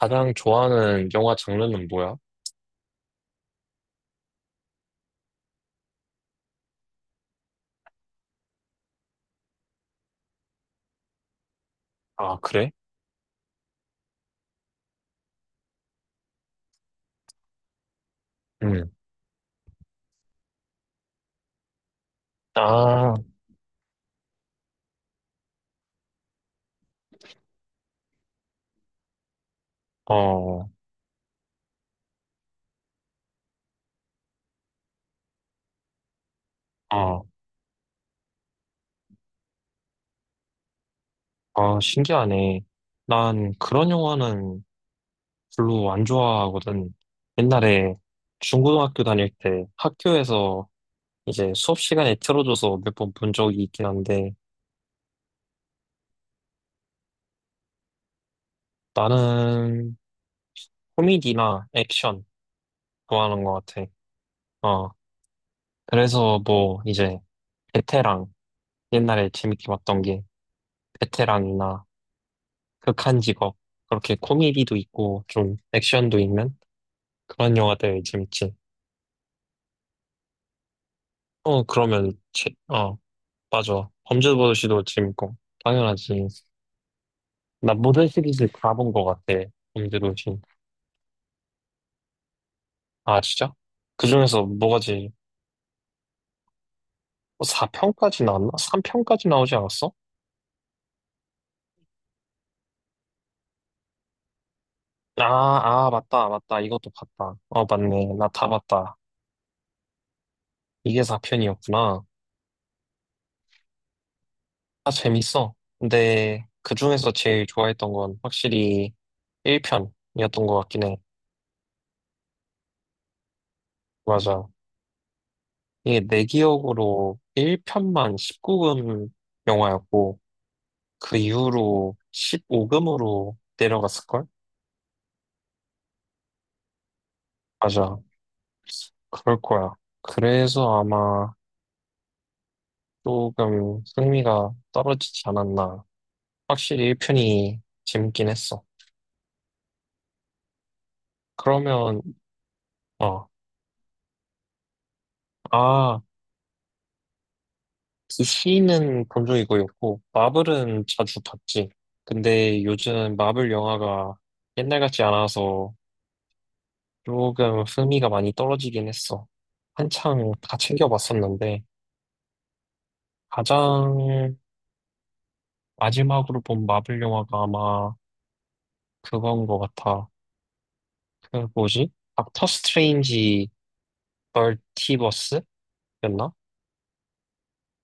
가장 좋아하는 영화 장르는 뭐야? 아, 그래? 응. 아, 어, 어, 어, 신기하네. 난 그런 영화는 별로 안 좋아하거든. 옛날에 중고등학교 다닐 때 학교에서 이제 수업 시간에 틀어줘서 몇 번 본 적이 있긴 한데, 나는 코미디나 액션 좋아하는 것 같아. 어, 그래서 뭐 이제 베테랑, 옛날에 재밌게 봤던 게 베테랑이나 극한 직업. 그렇게 코미디도 있고, 좀 액션도 있는 그런 영화들 재밌지. 어, 그러면, 맞아. 범죄도시도 재밌고, 당연하지. 나 모든 시리즈 다 본 것 같아. 범죄도시. 아, 진짜? 그 중에서 뭐가 제일, 4편까지 나왔나? 3편까지 나오지 않았어? 아, 아, 맞다, 맞다. 이것도 봤다. 어, 맞네. 나 다 봤다. 이게 4편이었구나. 다 재밌어. 근데 그 중에서 제일 좋아했던 건 확실히 1편이었던 것 같긴 해. 맞아. 이게 내 기억으로 1편만 19금 영화였고, 그 이후로 15금으로 내려갔을걸? 맞아. 그럴 거야. 그래서 아마 조금 흥미가 떨어지지 않았나. 확실히 1편이 재밌긴 했어. 그러면, 어, 아. 디 c 는 본 적 이거였고, 마블은 자주 봤지. 근데 요즘 마블 영화가 옛날 같지 않아서 조금 흥미가 많이 떨어지긴 했어. 한창 다 챙겨봤었는데, 가장 마지막으로 본 마블 영화가 아마 그건 것 같아. 그 뭐지? 닥터 스트레인지 벌티버스였나?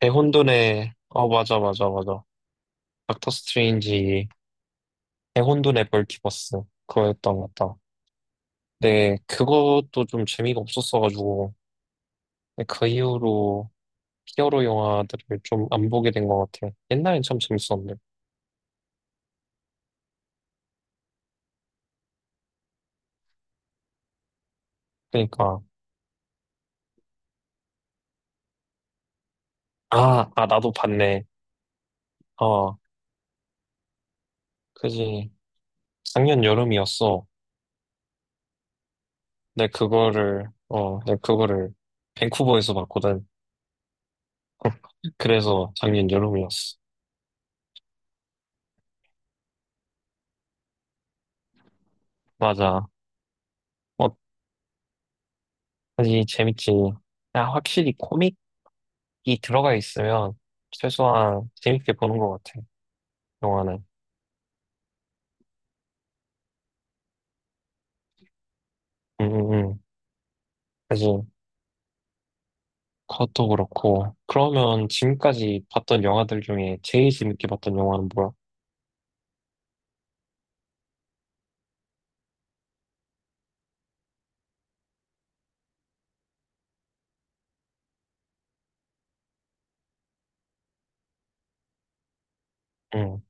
대혼돈의, 어, 맞아, 맞아, 맞아. 닥터 스트레인지 대혼돈의 벌티버스. 그거였던 것 같다. 네, 그것도 좀 재미가 없었어가지고, 근데 그 이후로 히어로 영화들을 좀 안 보게 된 것 같아 옛날엔 참 재밌었는데. 그러니까, 아, 아, 나도 봤네. 어, 그지. 작년 여름이었어. 내 그거를 밴쿠버에서 봤거든. 그래서 작년 여름이었어. 맞아. 어, 그지, 재밌지. 야 확실히 코믹이 들어가 있으면 최소한 재밌게 보는 것 같아, 영화는. 음, 음, 음. 그지. 그것도 그렇고. 그러면 지금까지 봤던 영화들 중에 제일 재밌게 봤던 영화는 뭐야? 응,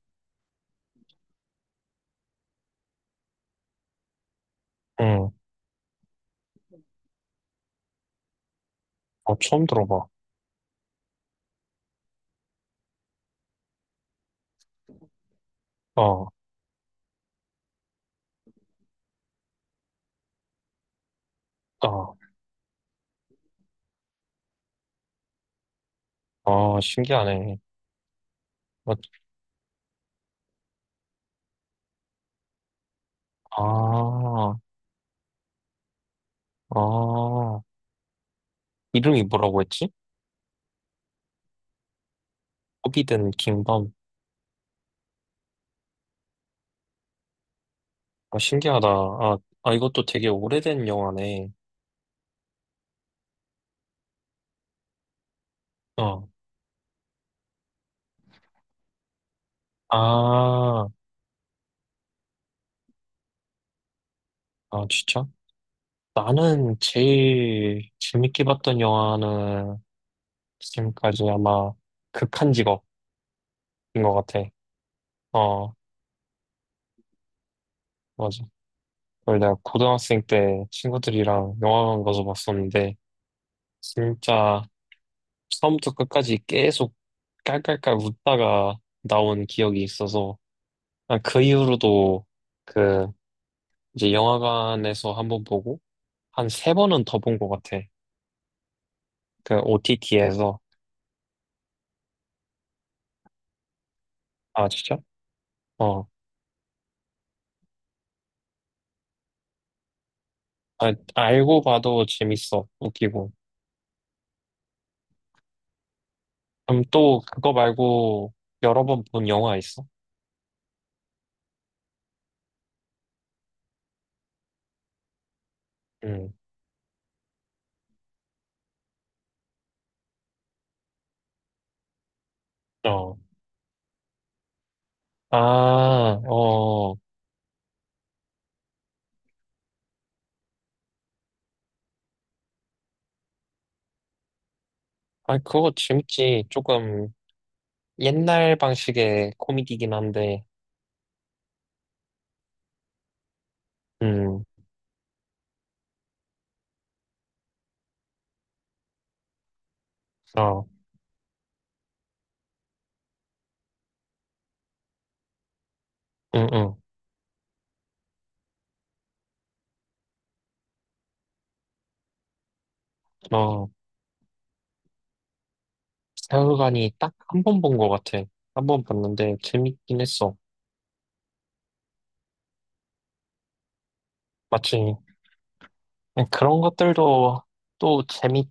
응. 어, 처음 들어봐. 어, 어, 어, 신기하네. 어, 아, 아. 이름이 뭐라고 했지? 호비든 킹덤. 아, 신기하다. 아, 아, 이것도 되게 오래된 영화네. 어, 아, 아, 진짜? 나는 제일 재밌게 봤던 영화는 지금까지 아마 극한 직업인 것 같아. 어. 맞아. 그걸 내가 고등학생 때 친구들이랑 영화관 가서 봤었는데, 진짜 처음부터 끝까지 계속 깔깔깔 웃다가 나온 기억이 있어서, 아, 그 이후로도 그 이제 영화관에서 한번 보고, 한 세 번은 더 본 것 같아. 그 OTT에서. 아, 진짜? 어. 아, 알고 봐도 재밌어. 웃기고. 그럼 또 그거 말고 여러 번 본 영화 있어? 응. 어. 아, 어. 아, 그거 재밌지. 조금 옛날 방식의 코미디긴 한데, 음, 어, 응, 응, 어, 세월간이 딱 한 번 본 것 같아. 한 번 봤는데 재밌긴 했어. 마지 그런 것들도 또 재밌,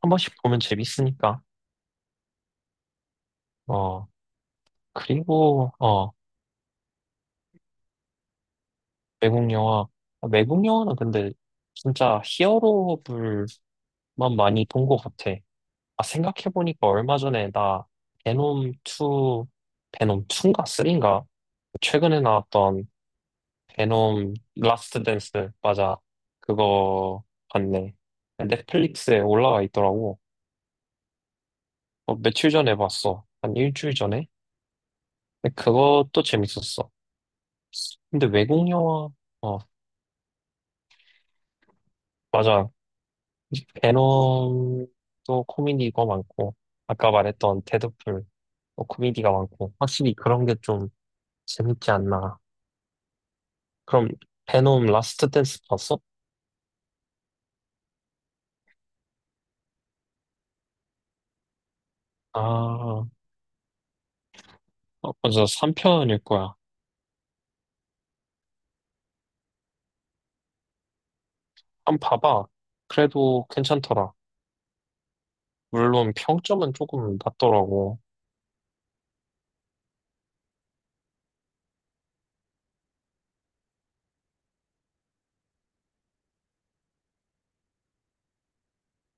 한 번씩 보면 재밌으니까. 어, 그리고, 어, 외국 영화. 아, 외국 영화는 근데 진짜 히어로물만 많이 본 것 같아. 아, 생각해보니까 얼마 전에 나 베놈 2, 베놈 2인가 3인가? 최근에 나왔던 베놈 라스트 댄스, 맞아. 그거 봤네. 넷플릭스에 올라와 있더라고. 어, 며칠 전에 봤어. 한 일주일 전에? 근데 그것도 재밌었어. 근데 외국 영화, 어, 맞아. 베놈도 코미디가 많고, 아까 말했던 데드풀도 코미디가 많고, 확실히 그런 게 좀 재밌지 않나. 그럼 베놈 라스트 댄스 봤어? 아, 어, 맞아. 3편일 거야. 한번 봐봐. 그래도 괜찮더라. 물론 평점은 조금 낮더라고.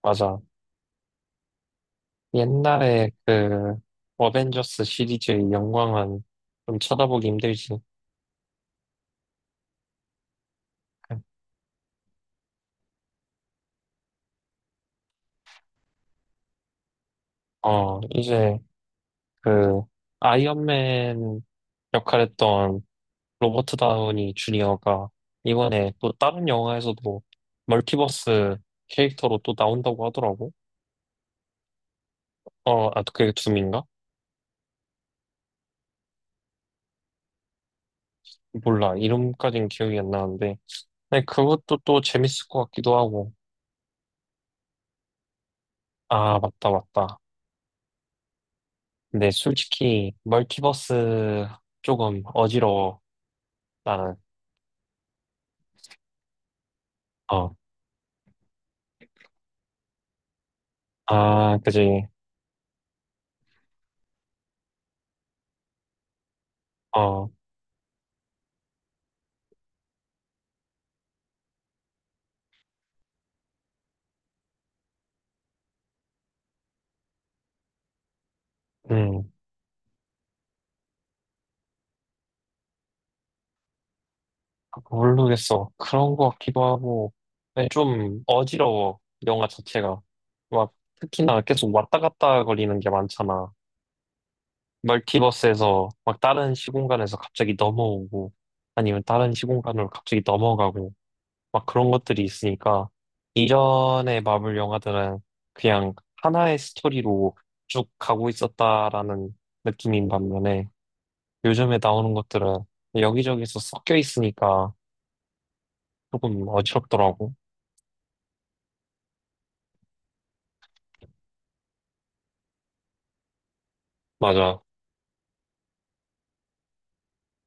맞아. 옛날에 그 어벤져스 시리즈의 영광은 좀 쳐다보기 힘들지. 어, 이제 그 아이언맨 역할했던 로버트 다우니 주니어가 이번에 또 다른 영화에서도 멀티버스 캐릭터로 또 나온다고 하더라고. 어, 아, 그게 둠인가? 몰라. 이름까진 기억이 안 나는데. 근데 그것도 또 재밌을 것 같기도 하고. 아, 맞다, 맞다. 근데 솔직히, 멀티버스 조금 어지러워. 나는. 어. 아, 그지. 어, 음. 모르겠어. 그런 것 같기도 하고. 근데 좀 어지러워. 영화 자체가. 막, 특히나 계속 왔다 갔다 거리는 게 많잖아. 멀티버스에서 막 다른 시공간에서 갑자기 넘어오고 아니면 다른 시공간으로 갑자기 넘어가고 막 그런 것들이 있으니까 이전의 마블 영화들은 그냥 하나의 스토리로 쭉 가고 있었다라는 느낌인 반면에 요즘에 나오는 것들은 여기저기서 섞여 있으니까 조금 어지럽더라고. 맞아.